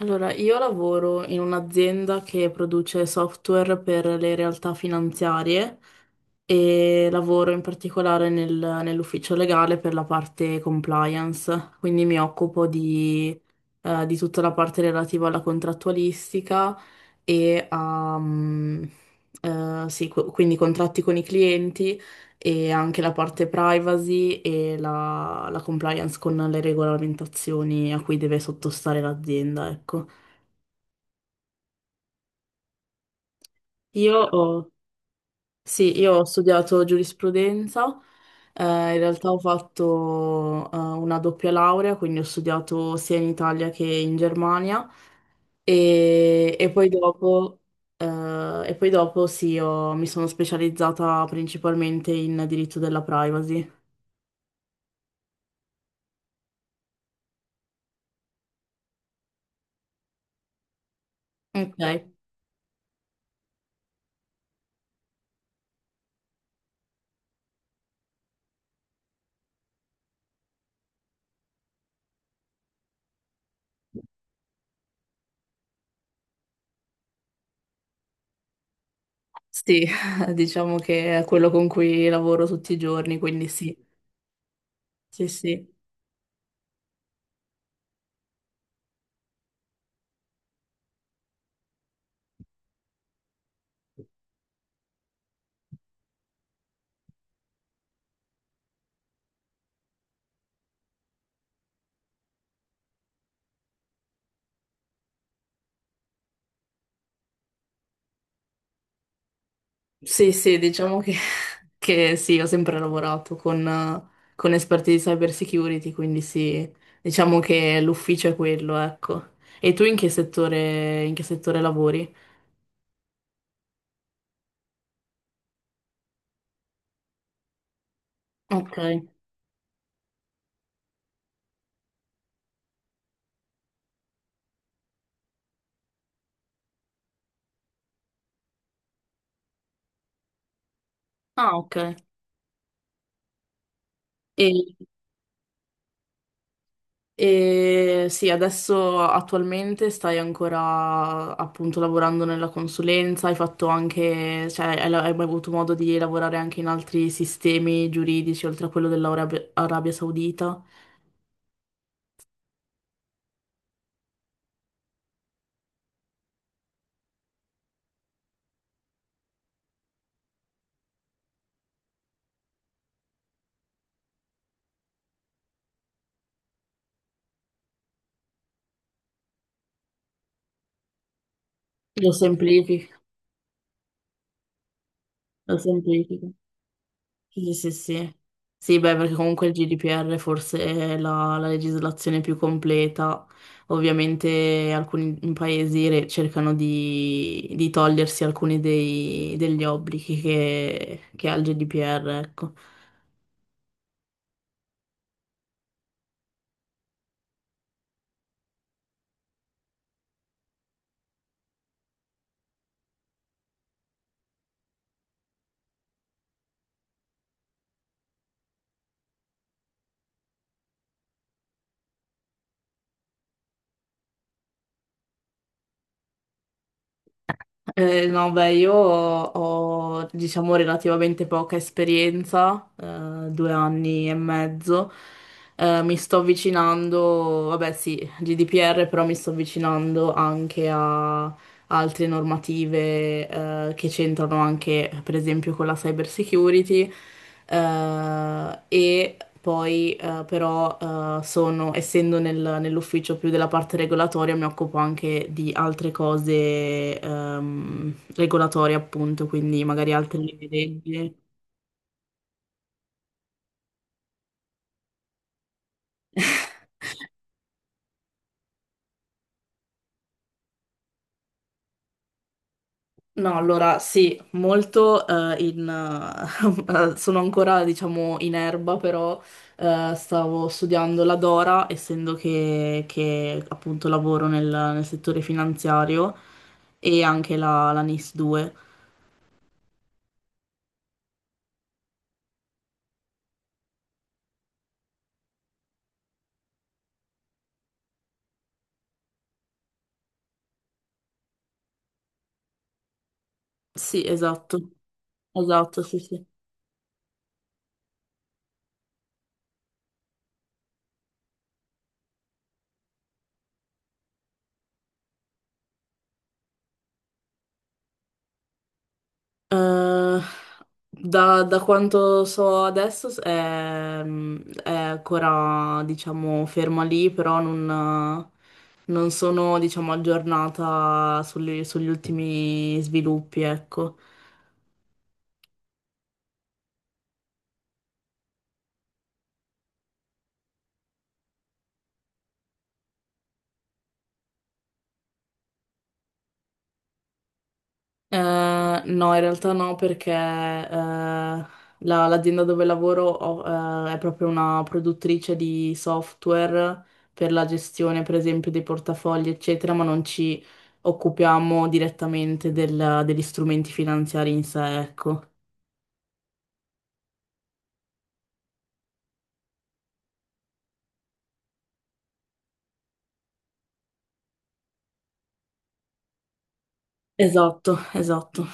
Allora, io lavoro in un'azienda che produce software per le realtà finanziarie e lavoro in particolare nell'ufficio legale per la parte compliance, quindi mi occupo di tutta la parte relativa alla contrattualistica e a, mm, sì, qu- quindi contratti con i clienti e anche la parte privacy e la compliance con le regolamentazioni a cui deve sottostare l'azienda, ecco. Io ho, sì, io ho studiato giurisprudenza, in realtà ho fatto una doppia laurea, quindi ho studiato sia in Italia che in Germania e poi dopo, eh, e poi dopo sì, mi sono specializzata principalmente in diritto della privacy. Ok, sì, diciamo che è quello con cui lavoro tutti i giorni, quindi sì, sì, sì. Sì, sì, che sì, ho sempre lavorato con esperti di cyber security, quindi sì, diciamo che l'ufficio è quello, ecco. E tu in che settore lavori? Ok. Ah, ok. E, e sì, adesso attualmente stai ancora appunto lavorando nella consulenza, hai fatto anche, cioè hai mai avuto modo di lavorare anche in altri sistemi giuridici oltre a quello dell'Arabia Arabia Saudita? Lo semplifichi? Lo semplifica. Sì, sì, sì. Sì, beh, perché comunque il GDPR forse è la legislazione più completa. Ovviamente alcuni paesi cercano di togliersi alcuni degli obblighi che ha il GDPR, ecco. No, beh, ho, diciamo, relativamente poca esperienza, due anni e mezzo. Mi sto avvicinando, vabbè, sì, GDPR, però mi sto avvicinando anche altre normative che c'entrano anche, per esempio, con la cyber security, e poi però sono, essendo nell'ufficio più della parte regolatoria, mi occupo anche di altre cose regolatorie, appunto, quindi magari altre linee guida. No, allora sì, molto sono ancora, diciamo, in erba, però stavo studiando la Dora, essendo che, appunto lavoro nel settore finanziario e anche la NIS 2. Sì, esatto, esatto, sì, sì. Eh, Da quanto so adesso è ancora, diciamo, ferma lì, però non, non sono, diciamo, aggiornata sugli ultimi sviluppi, ecco. No, in realtà no, perché l'azienda dove lavoro è proprio una produttrice di software per la gestione, per esempio, dei portafogli, eccetera, ma non ci occupiamo direttamente degli strumenti finanziari in sé, ecco. Esatto, esatto.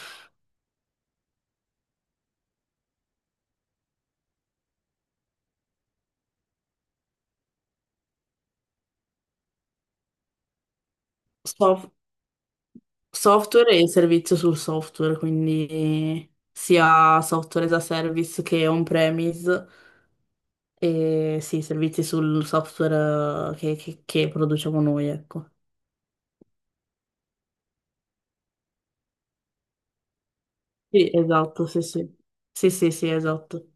Sof- Software e servizio sul software, quindi sia software as a service che on-premise. E sì, servizi sul software eh, che produciamo noi, ecco. Sì, esatto, sì, sì. Sì, sì, sì, esatto.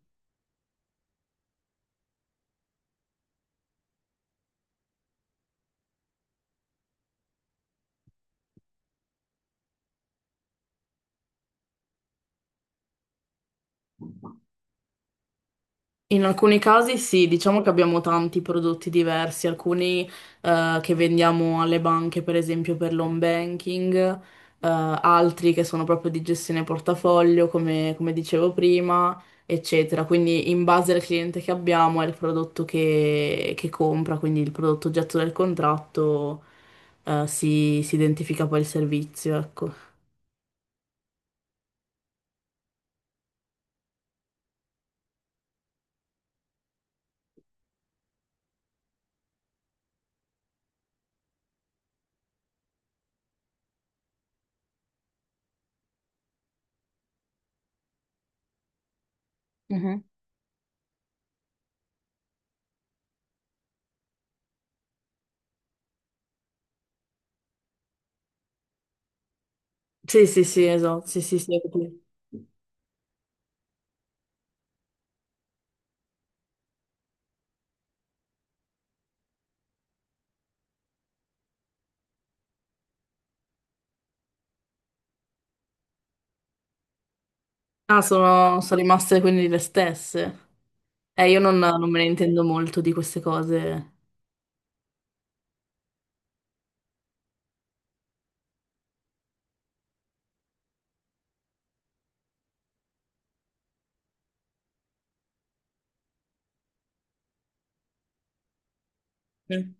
In alcuni casi sì, diciamo che abbiamo tanti prodotti diversi, alcuni che vendiamo alle banche, per esempio per l'home banking, altri che sono proprio di gestione portafoglio, come, come dicevo prima, eccetera. Quindi in base al cliente che abbiamo è il prodotto che compra, quindi il prodotto oggetto del contratto, si identifica poi il servizio, ecco. Mhm. Sì, sì, sì, esatto, sì, sì, sì, ho capito. Ah, sono sono rimaste quindi le stesse. Io non, non me ne intendo molto di queste cose. Mm.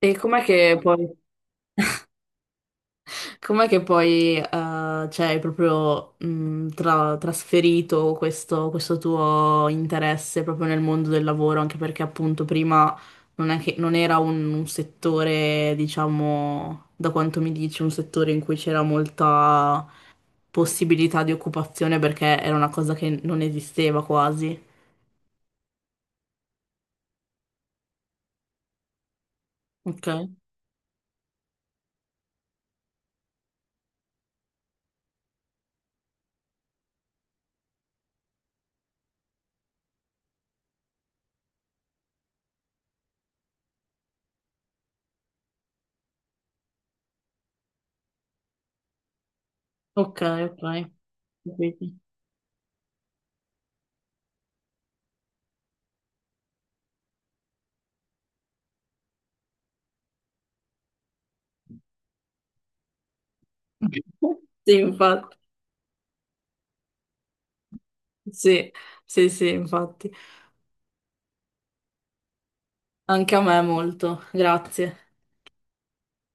E com'è che poi, Com'è che poi cioè, hai proprio trasferito questo, questo tuo interesse proprio nel mondo del lavoro? Anche perché appunto prima non è che, non era un settore, diciamo, da quanto mi dici, un settore in cui c'era molta possibilità di occupazione perché era una cosa che non esisteva quasi. Ok, ok, ok. Capito. Sì, infatti, sì, sì, sì, infatti, anche a me molto, grazie.